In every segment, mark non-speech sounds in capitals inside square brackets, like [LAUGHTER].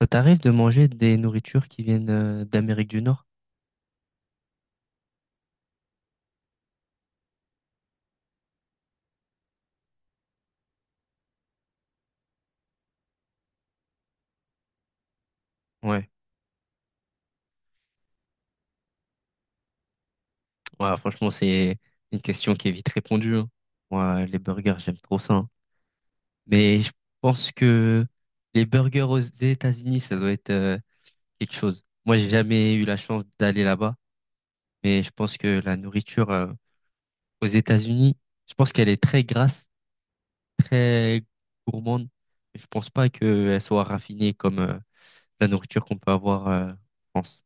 Ça t'arrive de manger des nourritures qui viennent d'Amérique du Nord? Ouais, ouais, franchement, c'est une question qui est vite répondue, hein. Moi, les burgers, j'aime trop ça, hein. Mais je pense que les burgers aux États-Unis, ça doit être quelque chose. Moi, j'ai jamais eu la chance d'aller là-bas, mais je pense que la nourriture aux États-Unis, je pense qu'elle est très grasse, très gourmande. Je pense pas qu'elle soit raffinée comme la nourriture qu'on peut avoir en France.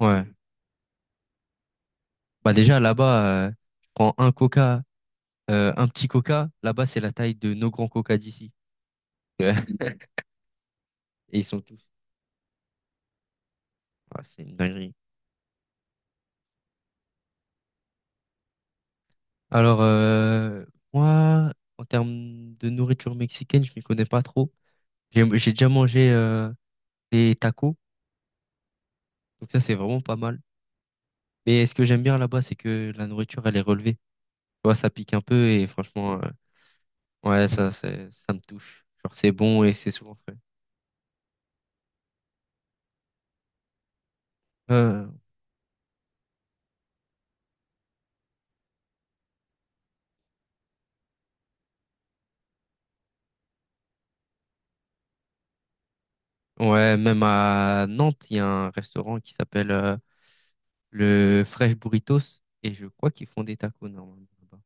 Ouais. Bah déjà là-bas, tu prends un coca, un petit coca, là-bas c'est la taille de nos grands coca d'ici. [LAUGHS] Et ils sont tous. Ah, c'est une dinguerie. Alors moi, en termes de nourriture mexicaine, je m'y connais pas trop. J'ai déjà mangé des tacos, donc ça c'est vraiment pas mal. Mais ce que j'aime bien là-bas, c'est que la nourriture elle est relevée. Tu vois, ça pique un peu et franchement, ouais, ça, ça me touche. Genre c'est bon et c'est souvent frais. Euh, ouais, même à Nantes, il y a un restaurant qui s'appelle le Fresh Burritos, et je crois qu'ils font des tacos normalement là-bas.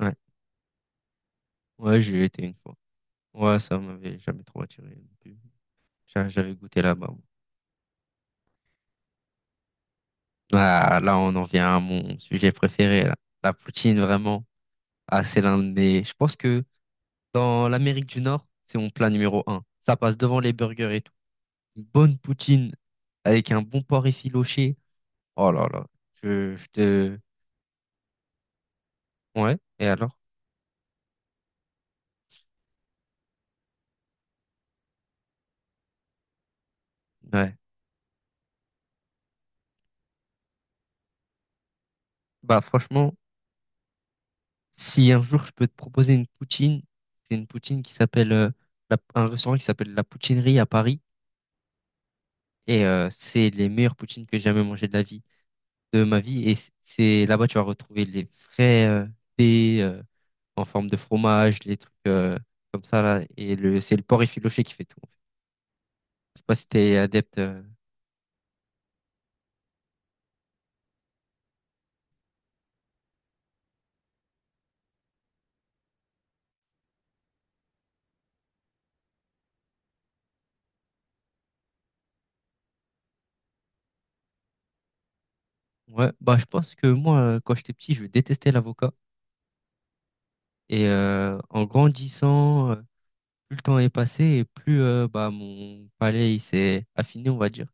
Ouais, ouais, j'y ai été une fois. Ouais, ça m'avait jamais trop attiré non plus. J'avais goûté là-bas, moi. Ah, là, on en vient à mon sujet préféré, là. La poutine, vraiment. Ah, c'est l'un de... Je pense que dans l'Amérique du Nord, c'est mon plat numéro un. Ça passe devant les burgers et tout. Une bonne poutine avec un bon porc effiloché. Oh là là, je te... Ouais, et alors? Ouais. Bah franchement, si un jour je peux te proposer une poutine, c'est une poutine qui s'appelle un restaurant qui s'appelle La Poutinerie à Paris et c'est les meilleures poutines que j'ai jamais mangées de la vie de ma vie et c'est là-bas tu vas retrouver les vrais dés en forme de fromage, les trucs comme ça là et le c'est le porc effiloché qui fait tout, en fait. Je sais pas si t'es adepte. Ouais, bah je pense que moi quand j'étais petit, je détestais l'avocat et en grandissant plus le temps est passé et plus bah, mon palais il s'est affiné, on va dire.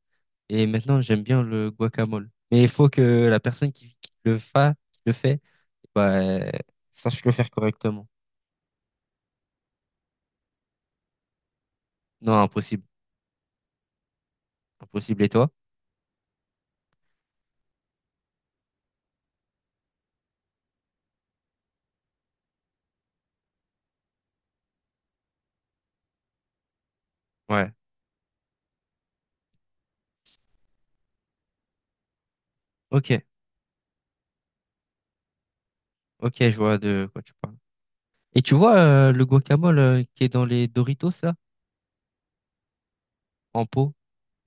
Et maintenant, j'aime bien le guacamole. Mais il faut que la personne qui le fait, bah, sache le faire correctement. Non, impossible. Impossible. Et toi? Ouais. Ok. Ok, je vois de quoi tu parles. Et tu vois le guacamole qui est dans les Doritos, là, en pot.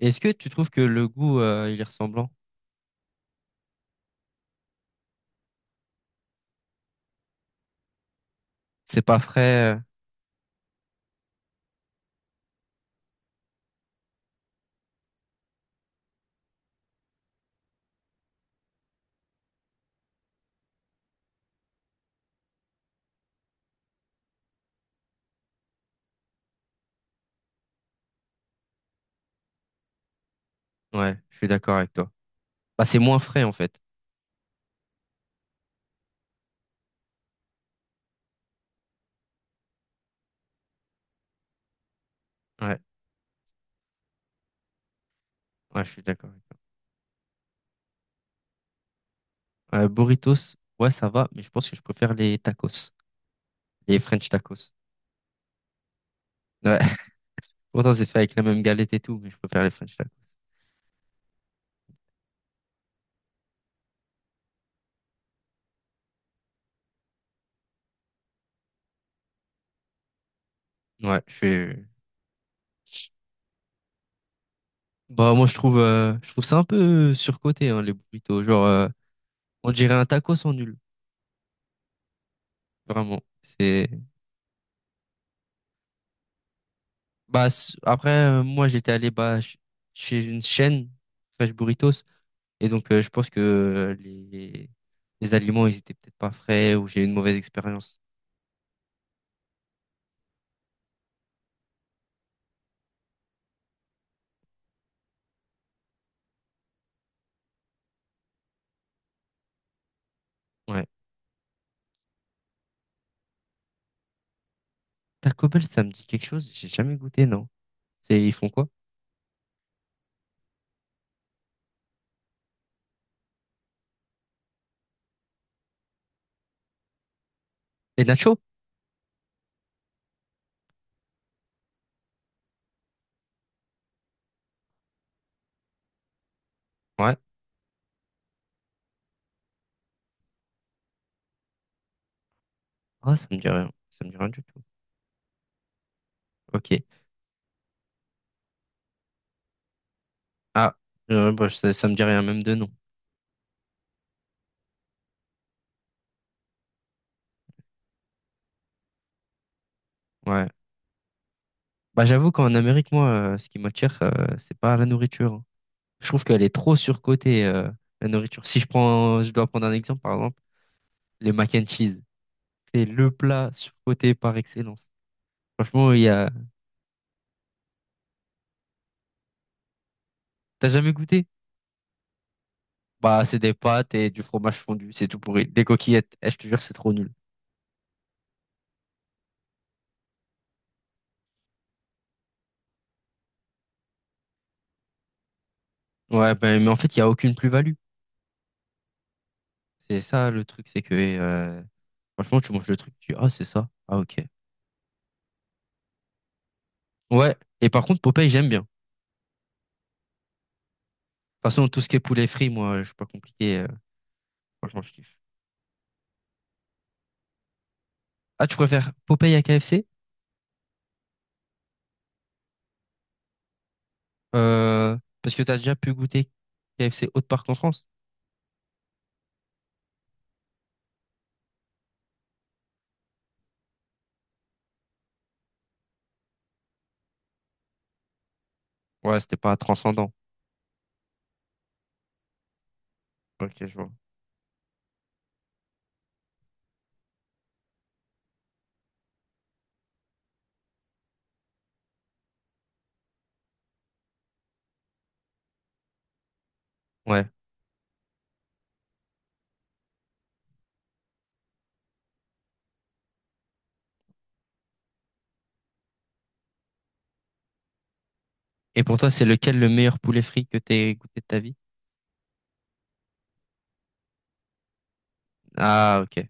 Est-ce que tu trouves que le goût, il est ressemblant? C'est pas frais. Ouais, je suis d'accord avec toi. Bah, c'est moins frais, en fait. Ouais, ouais, je suis d'accord. Burritos, ouais, ça va, mais je pense que je préfère les tacos, les French tacos. Ouais, [LAUGHS] pourtant c'est fait avec la même galette et tout, mais je préfère les French tacos. Ouais, je fais. Bah moi je trouve ça un peu surcoté hein, les burritos. Genre, on dirait un tacos en nul, vraiment. C'est bah après moi j'étais allé bah chez une chaîne Fresh Burritos et donc je pense que les aliments ils étaient peut-être pas frais ou j'ai eu une mauvaise expérience. Ouais. Taco Bell ça me dit quelque chose, j'ai jamais goûté non. C'est, ils font quoi? Les nachos? Ouais. Ah, ça me dit rien. Ça me dit rien du tout. Ok. Ah, bah, ça me dit rien, même de nom. Ouais. Bah, j'avoue qu'en Amérique, moi, ce qui m'attire, c'est pas la nourriture, hein. Je trouve qu'elle est trop surcotée, la nourriture. Si je prends, je dois prendre un exemple, par exemple, les mac and cheese. C'est le plat surcoté par excellence. Franchement, il y a... T'as jamais goûté? Bah, c'est des pâtes et du fromage fondu, c'est tout pourri. Des coquillettes, eh, je te jure, c'est trop nul. Ouais, ben mais en fait, il y a aucune plus-value. C'est ça le truc, c'est que franchement, tu manges le truc, tu dis, ah, c'est ça. Ah, ok. Ouais. Et par contre, Popeye, j'aime bien. De toute façon, tout ce qui est poulet frit, moi, je suis pas compliqué, franchement, je kiffe. Ah, tu préfères Popeye à KFC? Parce que t'as déjà pu goûter KFC Haute Park en France? Ouais, c'était pas transcendant. Ok, je vois. Ouais. Et pour toi, c'est lequel le meilleur poulet frit que t'aies goûté de ta vie? Ah, ok.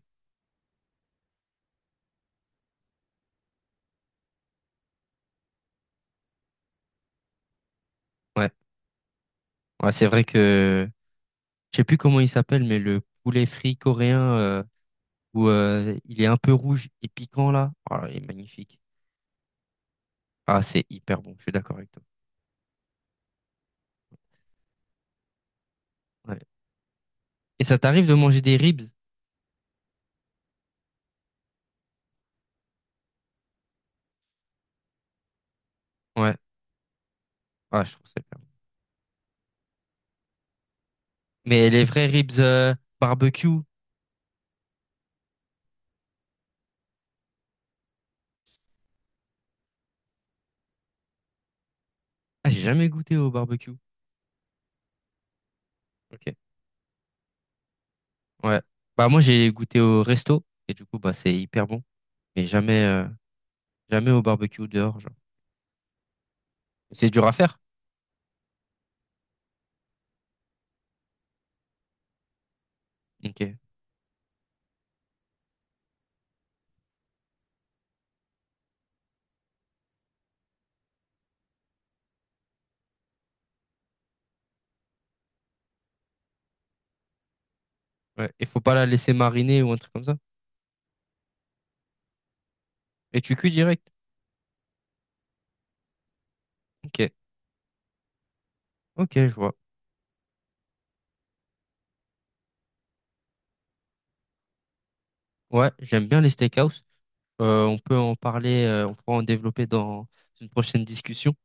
Ouais. Ouais, c'est vrai que je sais plus comment il s'appelle, mais le poulet frit coréen, où il est un peu rouge et piquant là. Ah, il est magnifique. Ah, c'est hyper bon, je suis d'accord avec toi. Ouais. Et ça t'arrive de manger des ribs? Ouais, ah, je trouve ça hyper bon. Mais les vrais ribs barbecue, ah, j'ai jamais goûté au barbecue. Ok, ouais. Bah moi j'ai goûté au resto et du coup bah c'est hyper bon, mais jamais jamais au barbecue dehors genre. C'est dur à faire. Ok. Ouais. Et faut pas la laisser mariner ou un truc comme ça. Et tu cuis direct. Ok. Ok, je vois. Ouais, j'aime bien les steakhouse. On peut en parler, on pourra en développer dans une prochaine discussion.